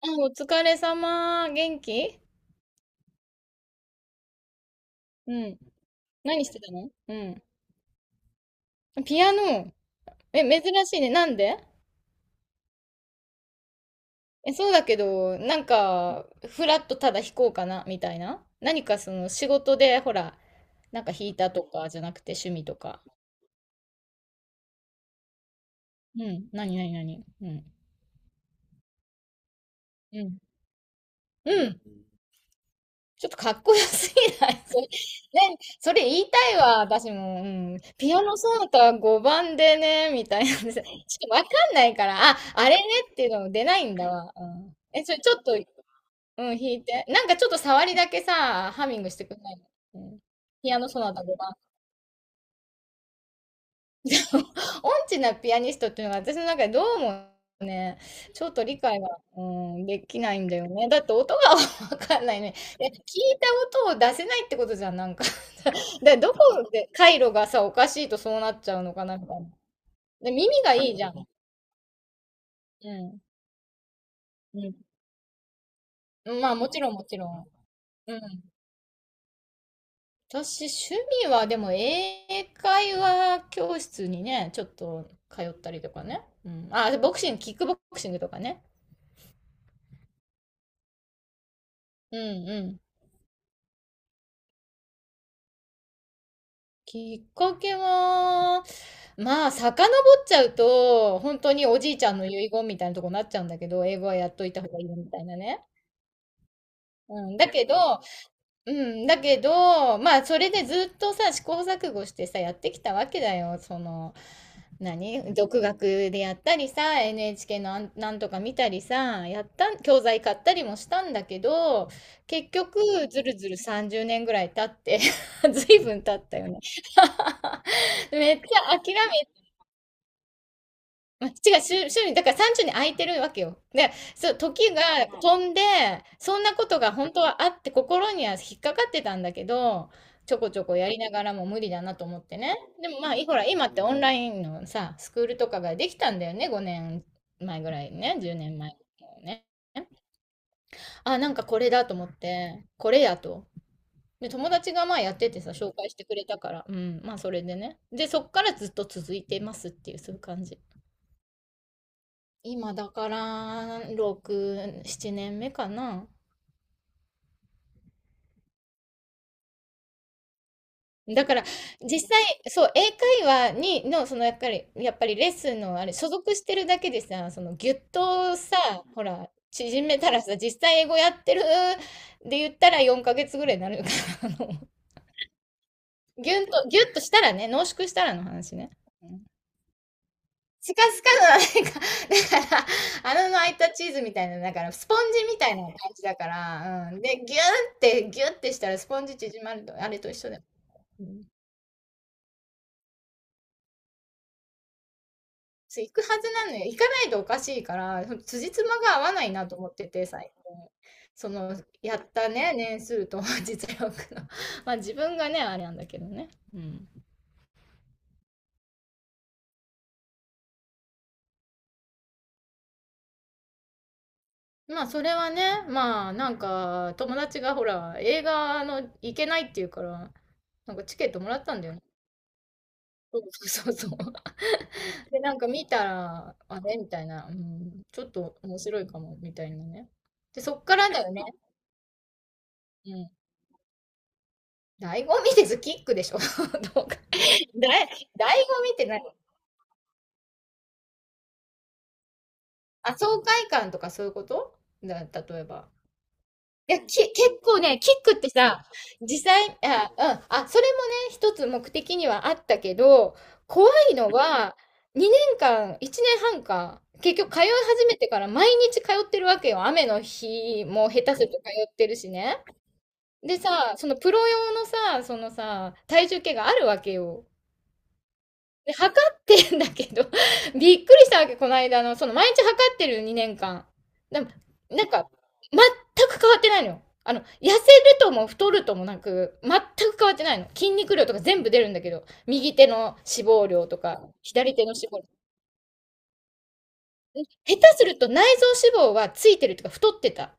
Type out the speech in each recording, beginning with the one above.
あ、お疲れ様。元気？うん。何してたの？うん。ピアノ。え、珍しいね。なんで？え、そうだけど、なんか、フラッとただ弾こうかな、みたいな。何かその仕事で、ほら、なんか弾いたとかじゃなくて趣味とか。うん。何何何？うん。うん。うん。ちょっとかっこよすぎない？それ、ね、それ言いたいわ、私も。うん。ピアノソナタ5番でね、みたいなんです ちょっとわかんないから、あ、あれねっていうのも出ないんだわ。うん。え、それちょっと、うん、弾いて。なんかちょっと触りだけさ、ハミングしてくんないの？うん。ピアノソナタ番。音痴なピアニストっていうのが私の中でどうもね、ちょっと理解が、うん、できないんだよね。だって音が わかんないね。え、聞いた音を出せないってことじゃん、なんか。 で、どこで回路がさ、おかしいとそうなっちゃうのかな、みたいな。で、耳がいいじゃん。うん。うん。まあ、もちろん、もちろん。うん。私、趣味は、でも、英会話教室にね、ちょっと通ったりとかね。うん。あ、ボクシング、キックボクシングとかね。うんうん。きっかけは、まあ、遡っちゃうと、本当におじいちゃんの遺言みたいなとこになっちゃうんだけど、英語はやっといた方がいいみたいなね。うん、だけど、うん、だけど、まあ、それでずっとさ、試行錯誤してさ、やってきたわけだよ。その、何独学でやったりさ、 NHK のなんなんとか見たりさ、やった、教材買ったりもしたんだけど、結局ずるずる30年ぐらい経って。 随分経ったよね。 めっちゃ諦めま、違う、週に、だから30に空いてるわけよ。で、そう、時が飛んで、そんなことが本当はあって、心には引っかかってたんだけど、ちょこちょこやりながらも無理だなと思ってね。でもまあ、ほら、今ってオンラインのさ、スクールとかができたんだよね、5年前ぐらいね、10年前ねんまえね。あ、なんかこれだと思って、これやと。で、友達がまあやっててさ、紹介してくれたから、うん、まあそれでね。で、そっからずっと続いてますっていう、そういう感じ。今だから6、7年目かな。だから実際、そう、英会話にの、そのやっぱりレッスンのあれ、所属してるだけでさ、そのギュッとさ、ほら、縮めたらさ、実際英語やってるで言ったら4ヶ月ぐらいになるから、あの、ギュンと、ギュッとしたらね、濃縮したらの話ね。スカスカの、なんか、だから、穴の開いたチーズみたいな、だから、スポンジみたいな感じだから、うん。で、ギューってしたらスポンジ縮まると、あれと一緒だよ。うん。そう行くはずなのよ。行かないとおかしいから、その辻褄が合わないなと思ってて、最近。その、やったね、年数と 実力の。まあ、自分がね、あれなんだけどね。うん。まあそれはね、まあ、なんか友達がほら、映画の行けないっていうから、なんかチケットもらったんだよね。そうそうそうそう。で、なんか見たら、あれみたいな、うん、ちょっと面白いかも、みたいなね。で、そっからだよね。うん。醍醐味です、キックでしょ。どうか。だい、醍醐味って何？あ、爽快感とかそういうことだ、例えば。いや、結構ね、キックってさ、実際、あ、うん、あ、それもね、一つ目的にはあったけど、怖いのは、2年間、1年半か、結局通い始めてから毎日通ってるわけよ。雨の日も下手すると通ってるしね。でさ、そのプロ用のさ、そのさ、体重計があるわけよ。で、測ってんだけど、びっくりしたわけ、この間あの、その毎日測ってる2年間。でも、なんか、全く変わってないのよ。あの、痩せるとも太るともなく、全く変わってないの。筋肉量とか全部出るんだけど、右手の脂肪量とか、左手の脂肪量。下手すると内臓脂肪はついてるとか太ってた。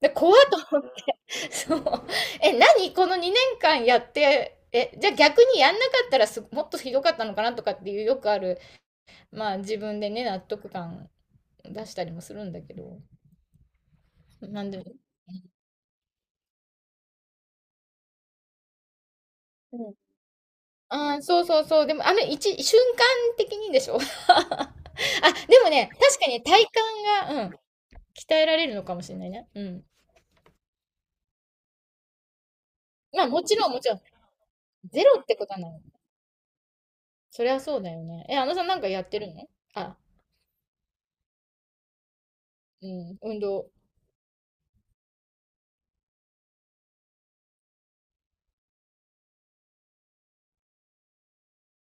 で、怖っと思って、そう。え、何この2年間やって、え、じゃあ逆にやんなかったらもっとひどかったのかなとかっていう、よくあるまあ自分でね、納得感出したりもするんだけど、なんで？うん。ああ、そうそうそう。でも、あの、瞬間的にでしょ？ あ、でもね、確かに体幹が、うん、鍛えられるのかもしれないね。うん。まあ、もちろん、もちろん、ゼロってことはない。そりゃそうだよね。え、あのさんなんかやってるの？あ、うん、運動。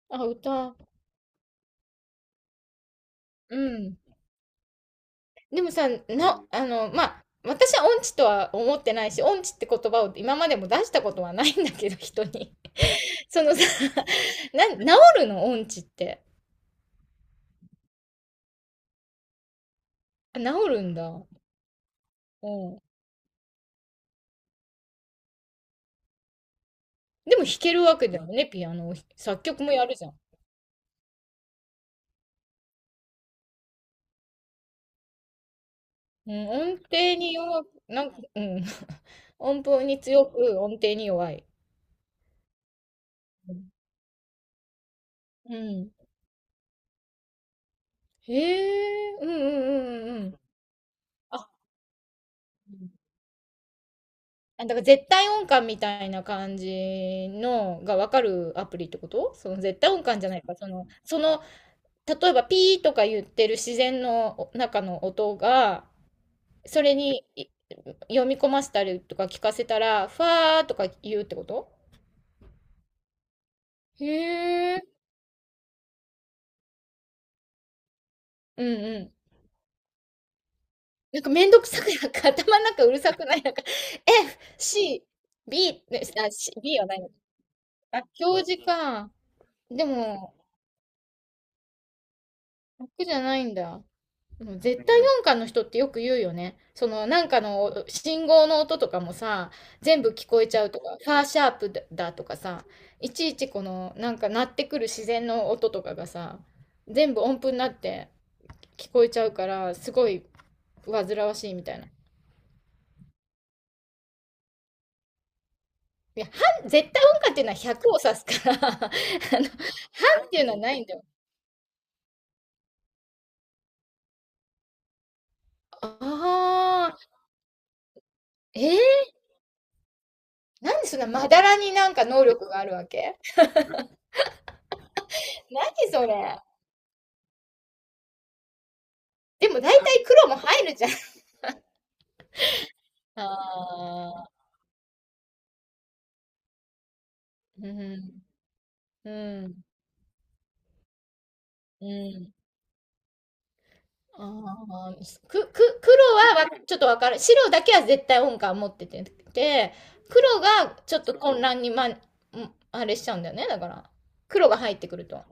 あ、歌。うん。でもさ、あの、まあ、私は音痴とは思ってないし、音痴って言葉を今までも出したことはないんだけど、人に。そのさ、治るの音痴って？あ、治るんだ。うん。でも弾けるわけだよね、ピアノを。作曲もやるじゃん。うん、音程に弱く、なんか、うん。音符に強く、音程に弱い。うん。へえ、うんうんうんうんうん。あ、うんあ、だから絶対音感みたいな感じのがわかるアプリってこと？その絶対音感じゃないか。その、例えばピーとか言ってる自然の中の音が、それにい読み込ませたりとか聞かせたら、ファーとか言うってこと？へえ。うんうん。なんかめんどくさく、なんか 頭の中うるさくない、なんか F、C、B、ねあ、C、B はないのか。あ、表示か。でも、楽じゃないんだ。うん、絶対音感の人ってよく言うよね。そのなんかの信号の音とかもさ、全部聞こえちゃうとか、ファーシャープだとかさ、いちいちこのなんか鳴ってくる自然の音とかがさ、全部音符になって聞こえちゃうから、すごい煩わしいみたいな。いや、半絶対音感っていうのは100を指すから。 あの、半っていうのはないんだよ。ああ、えー、なんでそんなまだらになんか能力があるわけ？何それ？でも大体黒も入るじゃん。ああ、うん、うん、うん。ああ、黒はわちょっとわかる。白だけは絶対音感持ってて、で、黒がちょっと混乱に、ま、んあれしちゃうんだよね。だから、黒が入ってくると。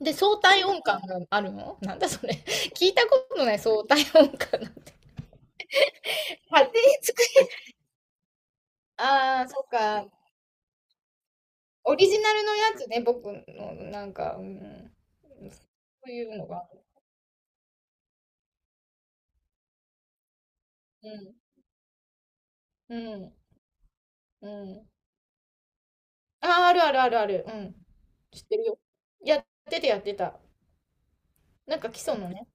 で、相対音感があるのなんだそれ？聞いたことない、相対音感なんて。勝手に作っああ、そっか。オリジナルのやつね、僕の、なんか、うん。そういうのが。うん、うん、うん。ああ、あるあるあるある。うん。知ってるよ。やってたやってた。なんか基礎のね。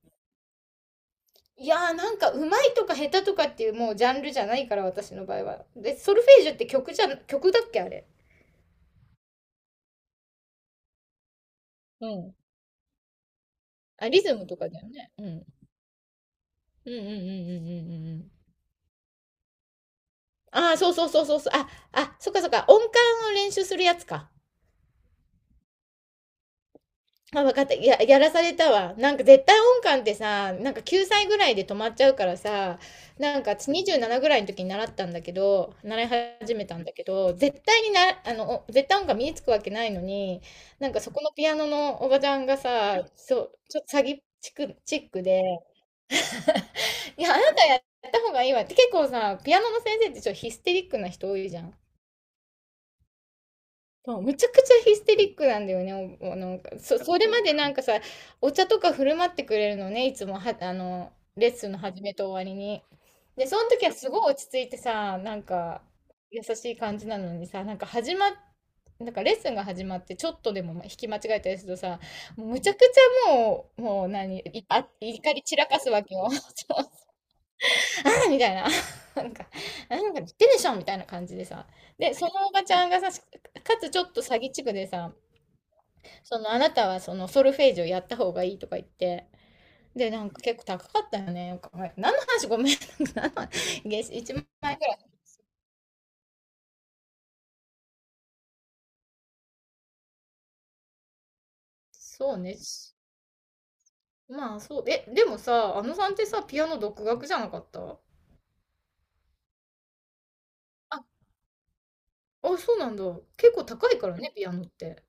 いやー、なんかうまいとか下手とかっていうもうジャンルじゃないから、私の場合は。で、ソルフェージュって曲じゃ、曲だっけあれ？うん。あ、リズムとかだよね。うん。うんうんうんうんうんうんうん。ああ、そうそうそうそうそう。あ、あ、そっかそっか。音感を練習するやつか。あ、分かった。いや、やらされたわ。なんか絶対音感ってさ、なんか9歳ぐらいで止まっちゃうからさ、なんか私27ぐらいの時に習ったんだけど、習い始めたんだけど、絶対にあの、絶対音感身につくわけないのに、なんかそこのピアノのおばちゃんがさ、そう、ちょっと詐欺チックで、いや、あなたやった方がいいわって、結構さ、ピアノの先生ってちょっとヒステリックな人多いじゃん。そう、むちゃくちゃヒステリックなんだよね。おお、なんか、それまでなんかさ、お茶とか振る舞ってくれるのね、いつもは、あの、レッスンの始めと終わりに。で、その時はすごい落ち着いてさ、なんか、優しい感じなのにさ、なんか始まっ、なんかレッスンが始まって、ちょっとでも引き間違えたりするとさ、もうむちゃくちゃもう、もう何、いあ、怒り散らかすわけよ。あみたいな。 なんか、言ってでしょみたいな感じでさ。で、そのおばちゃんがさ、かつちょっと詐欺地区でさ、そのあなたはそのソルフェージュをやった方がいいとか言って、で、なんか結構高かったよね。なんかは何の話ごめん。 なんか何の話、1万円ぐらい。そうね。まあそう。え、でもさ、あのさんってさ、ピアノ独学じゃなかった？あ、あ、そうなんだ。結構高いからね、ピアノって。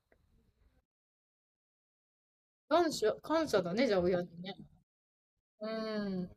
感謝、感謝だね、じゃあ親にね。うん。